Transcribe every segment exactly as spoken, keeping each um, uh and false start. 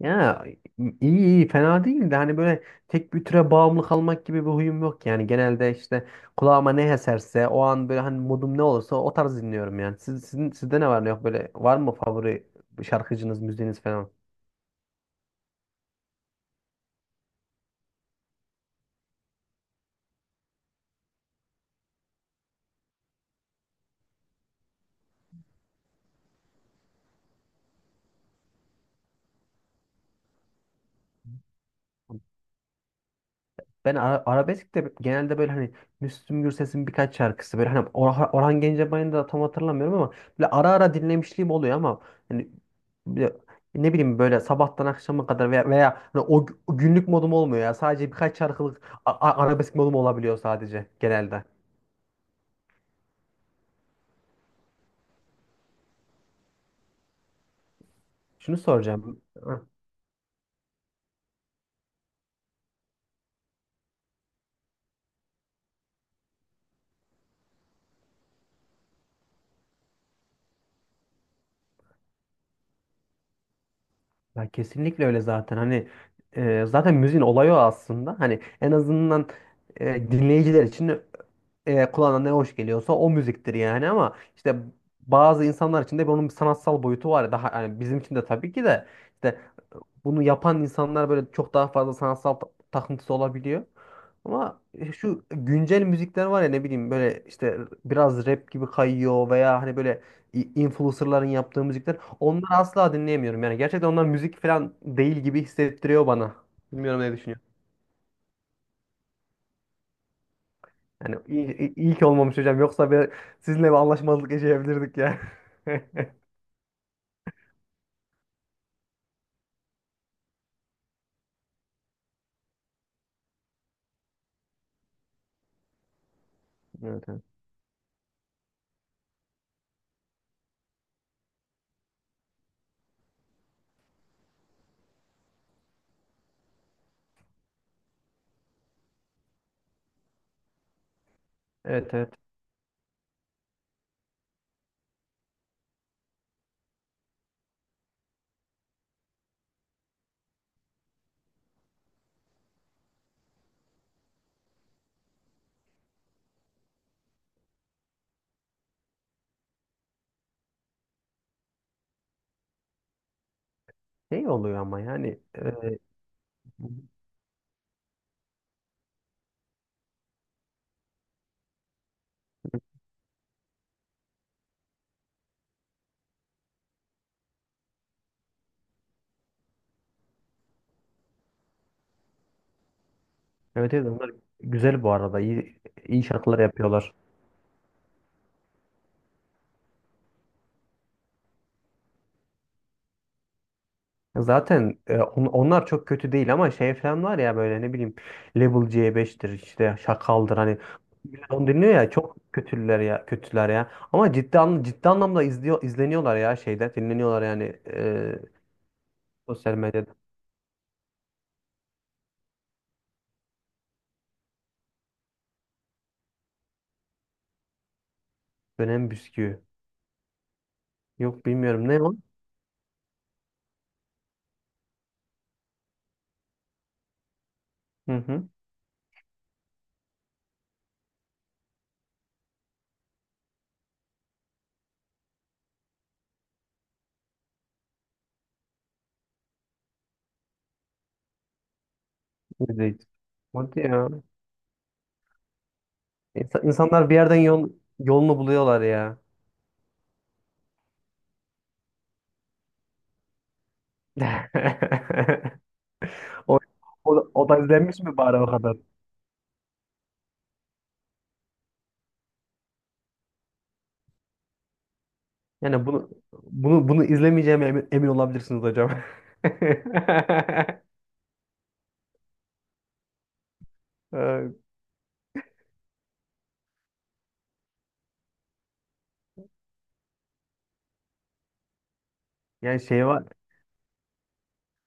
Ya iyi iyi fena değil de hani böyle tek bir türe bağımlı kalmak gibi bir huyum yok, yani genelde işte kulağıma ne eserse o an, böyle hani modum ne olursa o tarz dinliyorum yani. Siz, sizin, sizde ne var ne yok, böyle var mı favori şarkıcınız, müziğiniz falan? Ben ara- arabesk de genelde böyle hani Müslüm Gürses'in birkaç şarkısı, böyle hani Orhan, Orhan Gencebay'ın da tam hatırlamıyorum ama böyle ara ara dinlemişliğim oluyor, ama hani bir de ne bileyim böyle sabahtan akşama kadar veya, veya hani o gü- o günlük modum olmuyor ya. Sadece birkaç şarkılık a- a- arabesk modum olabiliyor sadece genelde. Şunu soracağım. Hı. Ya kesinlikle öyle zaten. Hani e, zaten müziğin olayı o aslında. Hani en azından e, dinleyiciler için e, kulağına ne hoş geliyorsa o müziktir yani, ama işte bazı insanlar için de bunun bir sanatsal boyutu var. Ya, daha yani bizim için de tabii ki de işte bunu yapan insanlar böyle çok daha fazla sanatsal ta- takıntısı olabiliyor. Ama e, şu güncel müzikler var ya, ne bileyim böyle işte biraz rap gibi kayıyor veya hani böyle i- influencerların yaptığı müzikler, onları asla dinleyemiyorum. Yani gerçekten onlar müzik falan değil gibi hissettiriyor bana. Bilmiyorum ne düşünüyorsun. Yani iyi, iyi iyi ki olmamış hocam. Yoksa bir, sizinle bir anlaşmazlık yaşayabilirdik ya. Evet evet. Evet evet. Şey oluyor ama yani e, evet evet, onlar güzel bu arada. İyi, iyi şarkılar yapıyorlar. Zaten e, on- onlar çok kötü değil, ama şey falan var ya, böyle ne bileyim Level C beştir işte, Şakal'dır, hani millet onu dinliyor ya, çok kötüler ya, kötüler ya. Ama ciddi an, ciddi anlamda izliyor, izleniyorlar ya, şeyde dinleniyorlar yani, e, sosyal medyada, dönem bisküvi. Yok, bilmiyorum, ne o? Hı hı. İzleyici. Hadi ya. İnsa- İnsanlar bir yerden yol, yolunu buluyorlar ya. O, o, da- O da izlenmiş mi bari o kadar? Yani bunu bunu bunu izlemeyeceğime emin, emin olabilirsiniz hocam. Ee, Yani şey var.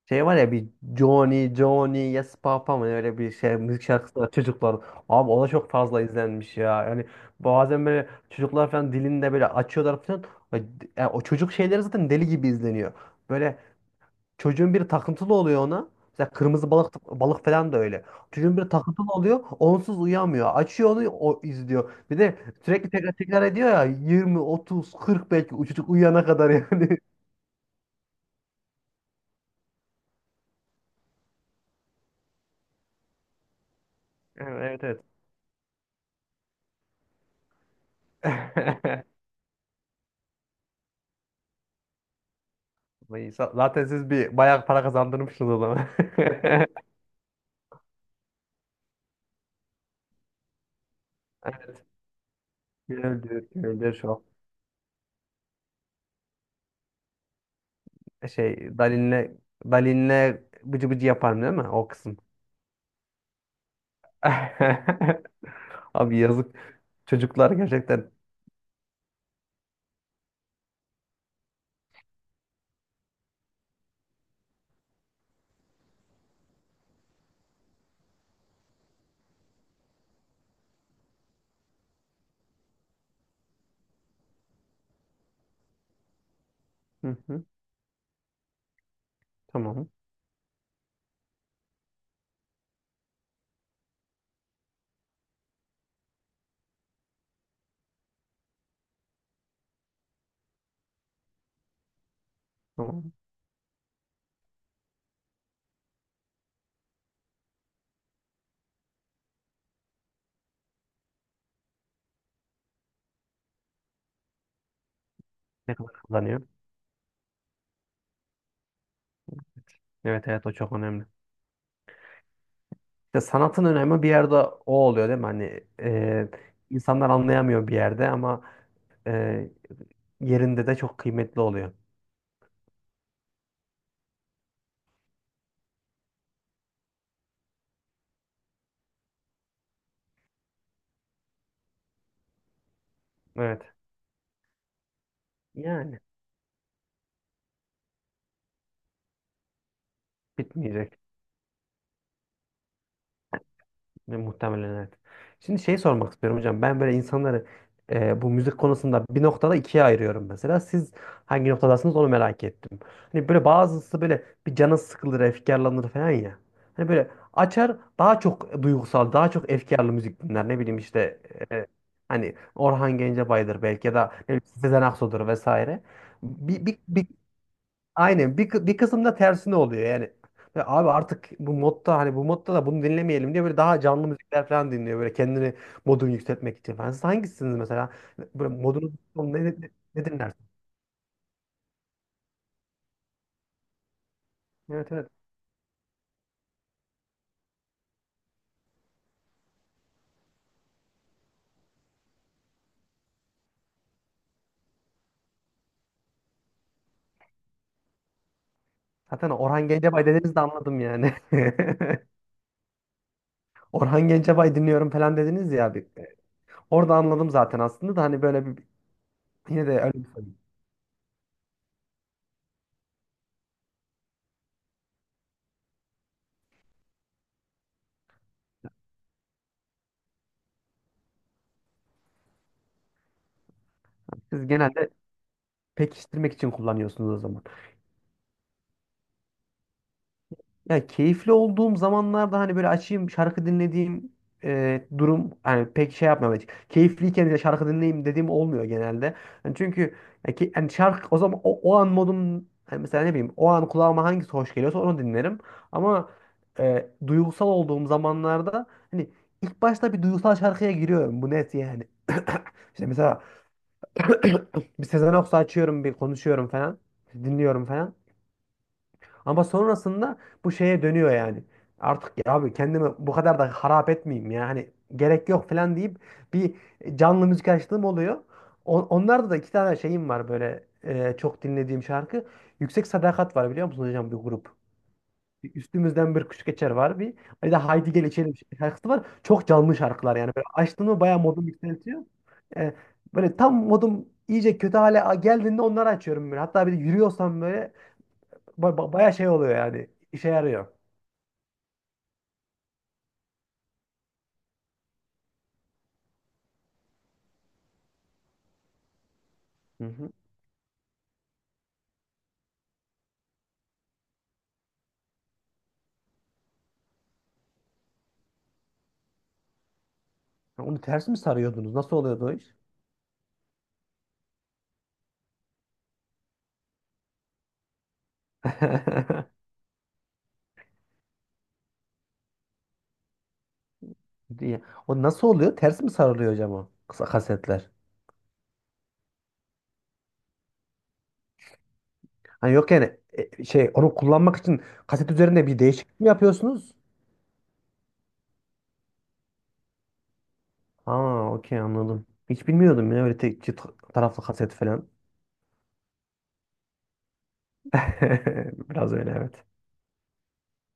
Şey var ya, bir Johnny Johnny Yes Papa mı öyle bir şey, müzik şarkısı var çocuklar. Abi o da çok fazla izlenmiş ya. Yani bazen böyle çocuklar falan dilinde böyle açıyorlar falan. Yani o çocuk şeyleri zaten deli gibi izleniyor. Böyle çocuğun biri takıntılı oluyor ona. Mesela kırmızı balık balık falan da öyle. Çocuğun biri takıntılı oluyor. Onsuz uyamıyor. Açıyor, onu o izliyor. Bir de sürekli tekrar tekrar ediyor ya, yirmi otuz kırk, belki o çocuk uyuyana kadar yani. Evet evet. Vay, sa- zaten siz bir bayağı para kazandırmışsınız o zaman. Güldür, güldür şu. Şey, Dalin'le Dalin'le bıcı bıcı yaparım değil mi? O kısım. Abi yazık. Çocuklar gerçekten. Hı hı, tamam. Tamam. Ne kadar kazanıyor? Evet evet, o çok önemli. İşte sanatın önemi bir yerde o oluyor değil mi? Hani e, insanlar anlayamıyor bir yerde, ama e, yerinde de çok kıymetli oluyor. Evet. Yani bitmeyecek. Ve muhtemelen evet. Şimdi şey sormak istiyorum hocam. Ben böyle insanları e, bu müzik konusunda bir noktada ikiye ayırıyorum mesela. Siz hangi noktadasınız, onu merak ettim. Hani böyle bazısı böyle bir canı sıkılır, efkarlanır falan ya. Hani böyle açar, daha çok duygusal, daha çok efkarlı müzik dinler. Ne bileyim işte e, hani Orhan Gencebay'dır belki, ya da ne bileyim Sezen Aksu'dur vesaire. Bir, bir, bir Aynen bir, kı- Bir kısımda tersine oluyor yani. Ya abi artık bu modda, hani bu modda da bunu dinlemeyelim diye böyle daha canlı müzikler falan dinliyor, böyle kendini modunu yükseltmek için falan. Siz hangisiniz mesela? Böyle modunu ne, ne, ne dinlersin? Evet evet. Zaten Orhan Gencebay dediniz de anladım yani. Orhan Gencebay dinliyorum falan dediniz ya abi. Orada anladım zaten aslında, da hani böyle bir yine de öyle bir soru. Siz genelde pekiştirmek için kullanıyorsunuz o zaman. Yani keyifli olduğum zamanlarda hani böyle açayım şarkı dinlediğim e, durum hani pek şey yapmam. Evet. Keyifliyken de şarkı dinleyeyim dediğim olmuyor genelde. Yani çünkü ya ki, yani şarkı o zaman o, o an modum, hani mesela ne bileyim o an kulağıma hangisi hoş geliyorsa onu dinlerim. Ama e, duygusal olduğum zamanlarda hani ilk başta bir duygusal şarkıya giriyorum. Bu net yani. İşte mesela bir Sezen Aksu açıyorum, bir konuşuyorum falan, dinliyorum falan. Ama sonrasında bu şeye dönüyor yani. Artık ya abi kendimi bu kadar da harap etmeyeyim ya. Hani gerek yok falan deyip bir canlı müzik açtığım oluyor. O- Onlarda da iki tane şeyim var böyle, e, çok dinlediğim şarkı. Yüksek Sadakat var, biliyor musunuz hocam, bir grup. Üstümüzden Bir Kuş Geçer var bir. Bir de Haydi Gel İçelim şarkısı var. Çok canlı şarkılar yani. Böyle açtığımda bayağı modum yükseltiyor. E, Böyle tam modum iyice kötü hale geldiğinde onları açıyorum böyle. Hatta bir de yürüyorsam böyle ba- ba- baya şey oluyor yani. İşe yarıyor. Hı hı. Onu ters mi sarıyordunuz? Nasıl oluyordu o iş? Diye. O nasıl oluyor? Ters mi sarılıyor hocam, o kısa kasetler? Hani yok yani e, şey, onu kullanmak için kaset üzerinde bir değişiklik mi yapıyorsunuz? Aa, okey, anladım. Hiç bilmiyordum ya öyle tek çift taraflı kaset falan. Biraz öyle evet.